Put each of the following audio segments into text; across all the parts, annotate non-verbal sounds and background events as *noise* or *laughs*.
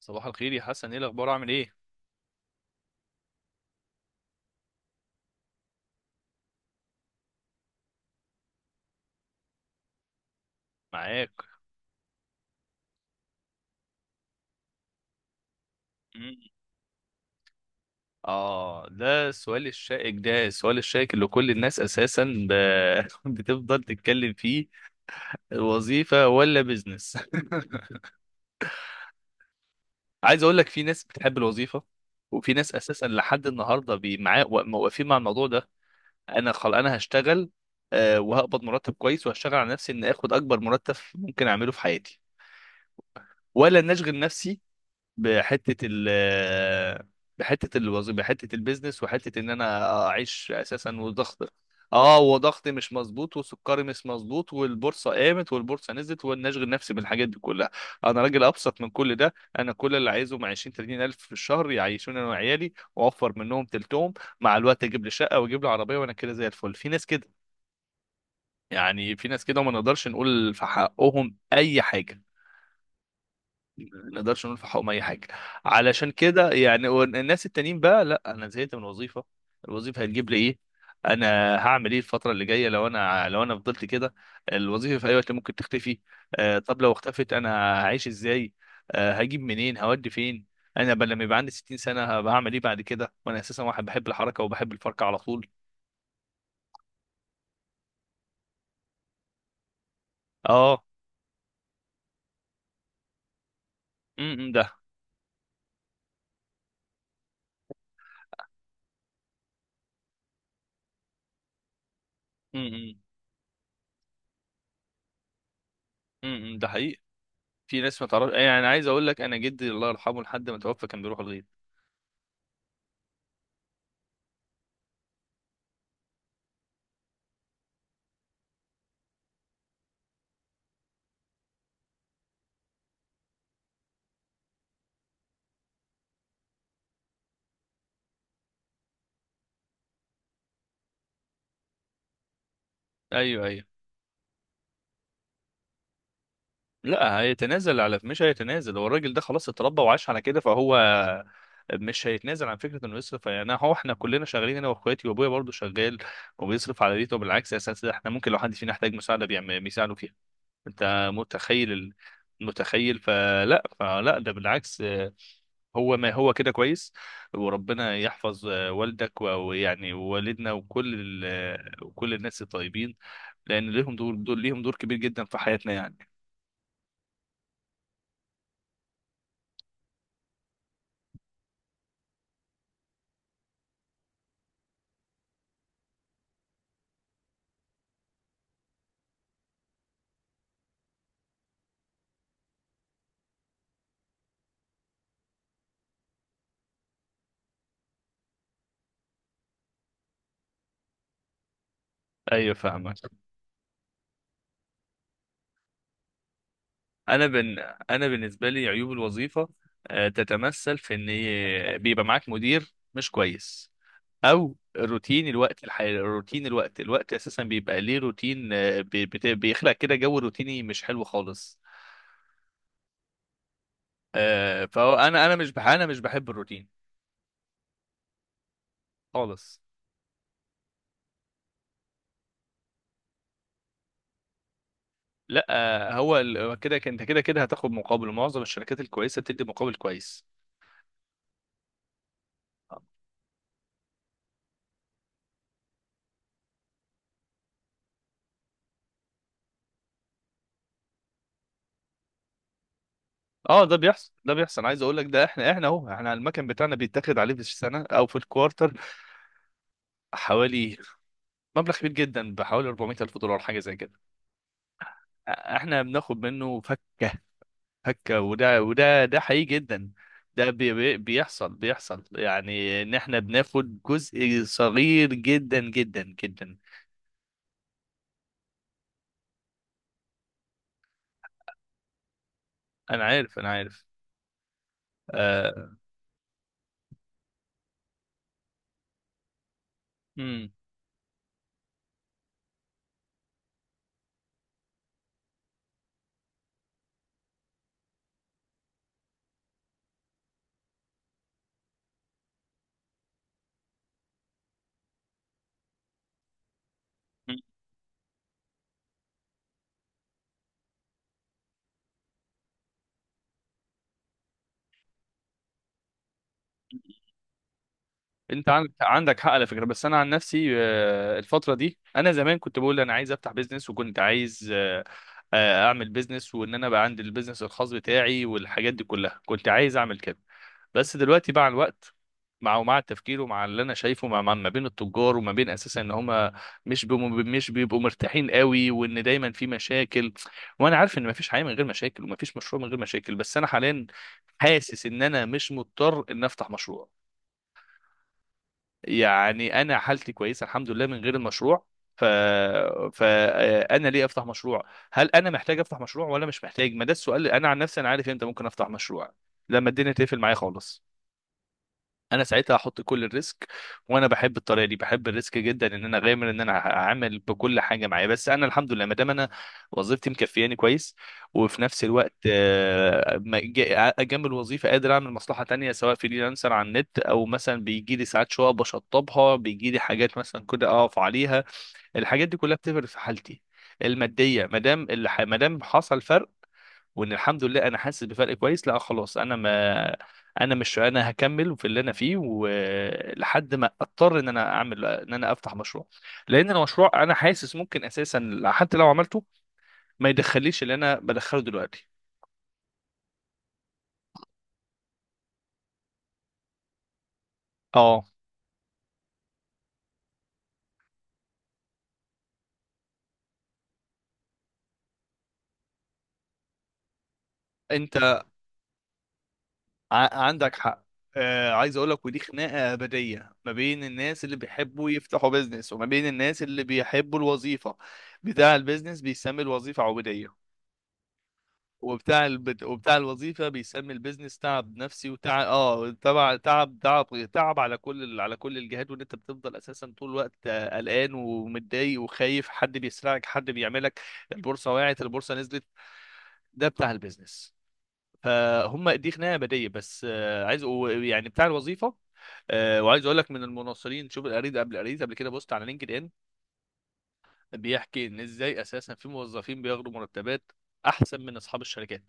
صباح الخير يا حسن، ايه الاخبار، عامل ايه؟ معاك. مم. اه، ده السؤال الشائك، اللي كل الناس اساسا ب... *laughs* بتفضل تتكلم فيه. الوظيفة ولا بيزنس؟ *laughs* عايز اقول لك في ناس بتحب الوظيفة، وفي ناس اساسا لحد النهارده معاه واقفين مع الموضوع ده. انا هشتغل. آه، وهقبض مرتب كويس، وهشتغل على نفسي ان اخد اكبر مرتب ممكن اعمله في حياتي، ولا ان اشغل نفسي بحته ال بحته الوظيفه، بحته البيزنس، وحته ان انا اعيش اساسا وضغط. اه، وضغطي مش مظبوط، وسكري مش مظبوط، والبورصه قامت، والبورصه نزلت، وانا اشغل نفسي بالحاجات دي كلها. انا راجل ابسط من كل ده. انا كل اللي عايزه مع 20 30 الف في الشهر، يعيشوني انا وعيالي واوفر منهم تلتهم. مع الوقت اجيب لي شقه، واجيب لي عربيه، وانا كده زي الفل. في ناس كده، يعني في ناس كده ما نقدرش نقول في حقهم اي حاجه، ما نقدرش نقول في حقهم اي حاجه. علشان كده يعني الناس التانيين بقى، لا، انا زهقت من الوظيفه، الوظيفه هتجيب لي ايه؟ انا هعمل ايه الفتره اللي جايه لو انا فضلت كده؟ الوظيفه في اي وقت ممكن تختفي. آه، طب لو اختفت، انا هعيش ازاي؟ آه، هجيب منين، هودي فين؟ انا لما يبقى عندي 60 سنه هبقى هعمل ايه بعد كده، وانا اساسا واحد بحب الحركه وبحب الفركه على طول؟ اه. ده. امم ده حقيقي. في ناس ما تعرفش، يعني انا عايز اقول لك، انا جدي الله يرحمه لحد ما توفى كان بيروح الغيط. ايوه، ايوه. لا هيتنازل، مش هيتنازل. هو الراجل ده خلاص اتربى وعاش على كده، فهو مش هيتنازل عن فكره انه يصرف. يعني هو احنا كلنا شغالين، انا واخواتي وابويا برضه شغال، وبيصرف على بيته. بالعكس اساسا احنا ممكن لو حد فينا احتاج مساعده بيساعده فيها. انت متخيل متخيل؟ فلا، ده بالعكس، آه، هو ما هو كده كويس. وربنا يحفظ آه، والدك ويعني ووالدنا وكل آه، وكل الناس الطيبين، لان ليهم دور، دول ليهم دور كبير جدا في حياتنا يعني. ايوه، فاهمك. انا بن... انا بالنسبه لي عيوب الوظيفه آه، تتمثل في ان بيبقى معاك مدير مش كويس، او روتين. الوقت الحالي روتين الوقت، اساسا بيبقى ليه روتين، آه، بيخلق كده جو روتيني مش حلو خالص. آه، فهو انا، انا مش بح... انا مش بحب الروتين خالص. لا آه، هو هو كده، انت كده كده هتاخد مقابل، معظم الشركات الكويسه بتدي مقابل كويس. اه، ده بيحصل، عايز اقول لك، ده احنا، اهو احنا المكن بتاعنا بيتاخد عليه في السنه او في الكوارتر حوالي، مبلغ كبير جدا بحوالي 400 الف دولار حاجه زي كده. احنا بناخد منه فكه، وده، ده حقيقي جدا. ده بيحصل، يعني ان احنا بناخد جزء صغير جدا جدا جدا. انا عارف، آه. مم. انت عندك حق على فكره. بس انا عن نفسي آه، الفتره دي انا زمان كنت بقول انا عايز افتح بيزنس، وكنت عايز، اعمل بيزنس، وان انا بقى عندي البيزنس الخاص بتاعي والحاجات دي كلها، كنت عايز اعمل كده. بس دلوقتي مع الوقت، مع ومع التفكير ومع اللي انا شايفه، مع ما بين التجار وما بين اساسا ان هم، مش بيبقوا مرتاحين قوي، وان دايما في مشاكل. وانا عارف ان ما فيش حياه من غير مشاكل، وما فيش مشروع من غير مشاكل، بس انا حاليا حاسس ان انا مش مضطر ان افتح مشروع. يعني انا حالتي كويسه الحمد لله من غير المشروع. ف فانا ليه افتح مشروع؟ هل انا محتاج افتح مشروع ولا مش محتاج؟ ما ده السؤال. انا عن نفسي انا عارف امتى ممكن افتح مشروع، لما الدنيا تقفل معايا خالص. انا ساعتها هحط كل الريسك، وانا بحب الطريقه دي، بحب الريسك جدا، ان انا غامر ان انا هعمل بكل حاجه معايا. بس انا الحمد لله ما دام انا وظيفتي مكفياني كويس، وفي نفس الوقت آه، جنب الوظيفه قادر اعمل مصلحه تانية، سواء فريلانسر على النت، او مثلا بيجي لي ساعات شقق بشطبها، بيجي لي حاجات مثلا كده اقف عليها. الحاجات دي كلها بتفرق في حالتي الماديه، ما دام ما دام حصل فرق، وان الحمد لله انا حاسس بفرق كويس. لا خلاص، انا ما انا مش انا هكمل في اللي انا فيه، ولحد ما اضطر ان انا اعمل، ان انا افتح مشروع. لان المشروع انا حاسس ممكن اساسا حتى لو عملته ما يدخليش اللي انا بدخله دلوقتي. اه، انت عندك حق. آه، عايز اقول لك، ودي خناقه ابديه ما بين الناس اللي بيحبوا يفتحوا بيزنس وما بين الناس اللي بيحبوا الوظيفه. بتاع البيزنس بيسمي الوظيفه عبوديه، وبتاع الوظيفه بيسمي البيزنس تعب نفسي وتعب، اه، تبع تعب تعب على كل على كل الجهات، وان انت بتفضل اساسا طول الوقت آه، قلقان ومتضايق وخايف، حد بيسرقك، حد بيعملك، البورصه وقعت، البورصه نزلت، ده بتاع البيزنس. فهم دي خناقه بديه. بس آه، عايز، يعني بتاع الوظيفه، آه، وعايز اقول لك من المناصرين. شوف، قريت قبل، كده بوست على لينكد ان بيحكي ان ازاي اساسا في موظفين بياخدوا مرتبات احسن من اصحاب الشركات.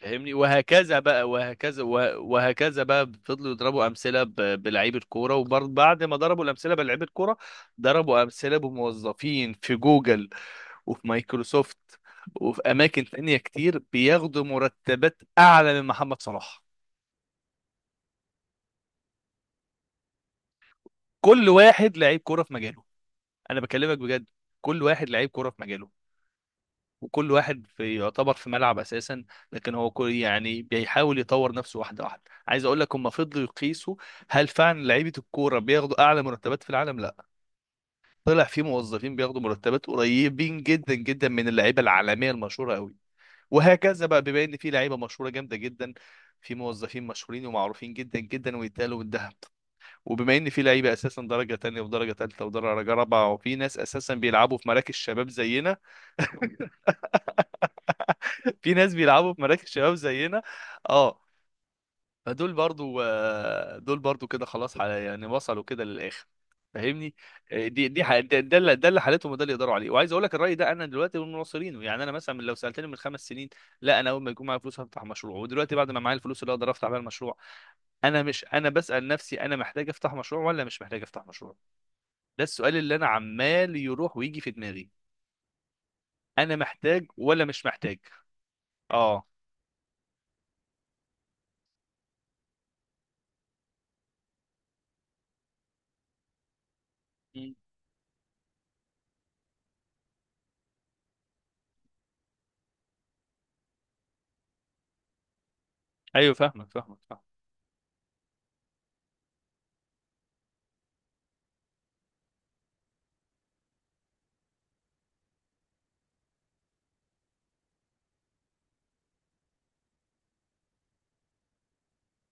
فاهمني؟ وهكذا بقى، وهكذا بقى، فضلوا يضربوا امثله بلعيبه كوره، وبعد ما ضربوا الامثله بلعيبه كوره ضربوا امثله بموظفين في جوجل، وفي مايكروسوفت، وفي اماكن تانية كتير، بياخدوا مرتبات اعلى من محمد صلاح. كل واحد لعيب كوره في مجاله. انا بكلمك بجد، كل واحد لعيب كوره في مجاله، وكل واحد في يعتبر في ملعب اساسا، لكن هو كل يعني بيحاول يطور نفسه، واحده واحده. عايز اقول لك، هم فضلوا يقيسوا هل فعلا لعيبه الكوره بياخدوا اعلى مرتبات في العالم؟ لا. طلع في موظفين بياخدوا مرتبات قريبين جدا جدا من اللعيبه العالميه المشهوره قوي. وهكذا بقى، بما ان في لعيبه مشهوره جامده جدا، في موظفين مشهورين ومعروفين جدا جدا ويتقالوا بالذهب. وبما ان في لعيبه اساسا درجه تانية ودرجه تالتة ودرجه رابعه، وفي ناس اساسا بيلعبوا في مراكز شباب زينا، في ناس بيلعبوا في مراكز شباب زينا، اه، فدول برضو آه، دول برضو كده خلاص، يعني وصلوا كده للاخر، فاهمني. آه، ده اللي، حالتهم، وده اللي يقدروا عليه. وعايز اقول لك، الراي ده انا دلوقتي من مناصرينه. يعني انا مثلا لو سالتني من خمس سنين، لا، انا اول ما يكون معايا فلوس هفتح مشروع. ودلوقتي بعد ما معايا الفلوس اللي اقدر افتح بيها المشروع، انا مش انا بسال نفسي انا محتاج افتح مشروع ولا مش محتاج افتح مشروع. ده السؤال اللي انا عمال يروح ويجي في دماغي، انا محتاج ولا مش محتاج؟ اه. مم. ايوه، فاهمك، فاهمك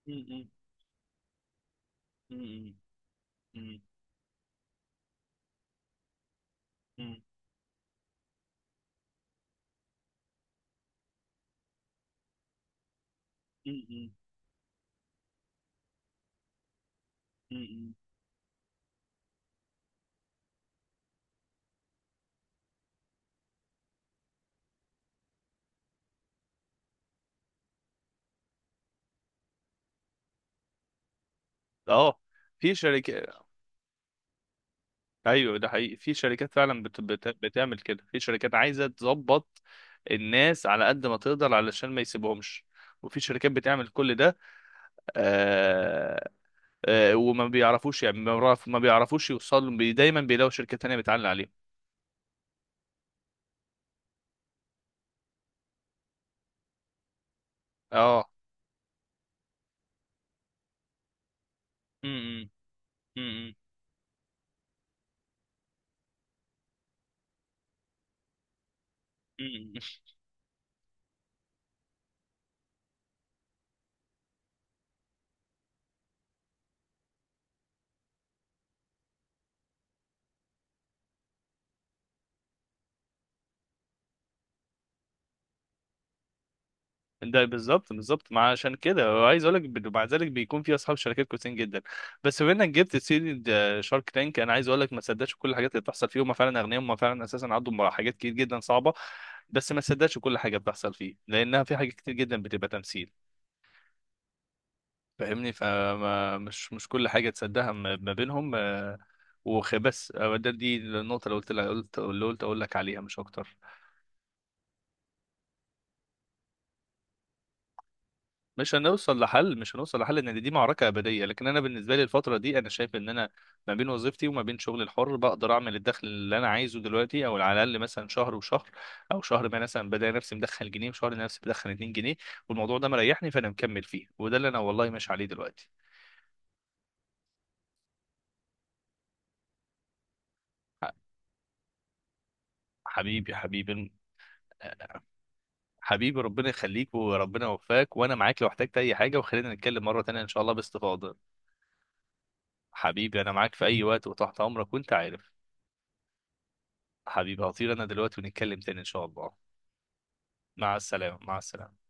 فاهمك مم. مم. مم. مم. مم. اه، في شركات، ايوه، ده حقيقي، في شركات فعلا بتعمل كده. في شركات عايزه تظبط الناس على قد ما تقدر علشان ما يسيبهمش، وفي شركات بتعمل كل ده. آه... وما بيعرفوش، يعني ما بيعرفوش يوصلوا دايما بيلاقوا شركات تانية بتعلي عليهم. اه، امم، ده بالظبط، ما عشان كده. وعايز اقول لك، مع ذلك بيكون في اصحاب شركات كويسين جدا. بس بما انك جبت سيره شارك تانك، انا عايز اقول لك ما تصدقش كل الحاجات اللي بتحصل فيه. هم فعلا اغنياء، هم فعلا اساسا عندهم حاجات كتير جدا صعبه، بس ما تصدقش كل حاجه بتحصل فيه، لانها في حاجات كتير جدا بتبقى تمثيل. فاهمني؟ فمش مش مش كل حاجه تصدقها ما ما بينهم آه، بس آه، ده دي النقطه اللي قلت لك، قلت اللي قلت اقول لك عليها، مش اكتر. مش هنوصل لحل، ان دي معركه ابديه. لكن انا بالنسبه لي الفتره دي انا شايف ان انا ما بين وظيفتي وما بين شغلي الحر بقدر اعمل الدخل اللي انا عايزه دلوقتي، او على الاقل مثلا شهر وشهر، او شهر ما مثلا بدأ نفسي مدخل جنيه، وشهر نفسي مدخل 2 جنيه. والموضوع ده مريحني، فانا مكمل فيه، وده اللي انا والله ماشي عليه دلوقتي. ح- حبيبي، حبيبي ربنا يخليك، وربنا يوفقك، وانا معاك لو احتجت اي حاجه، وخلينا نتكلم مره تانية ان شاء الله باستفاضه. حبيبي انا معاك في اي وقت، وتحت امرك، وانت عارف. حبيبي هطير انا دلوقتي، ونتكلم تاني ان شاء الله. مع السلامة، مع السلامة.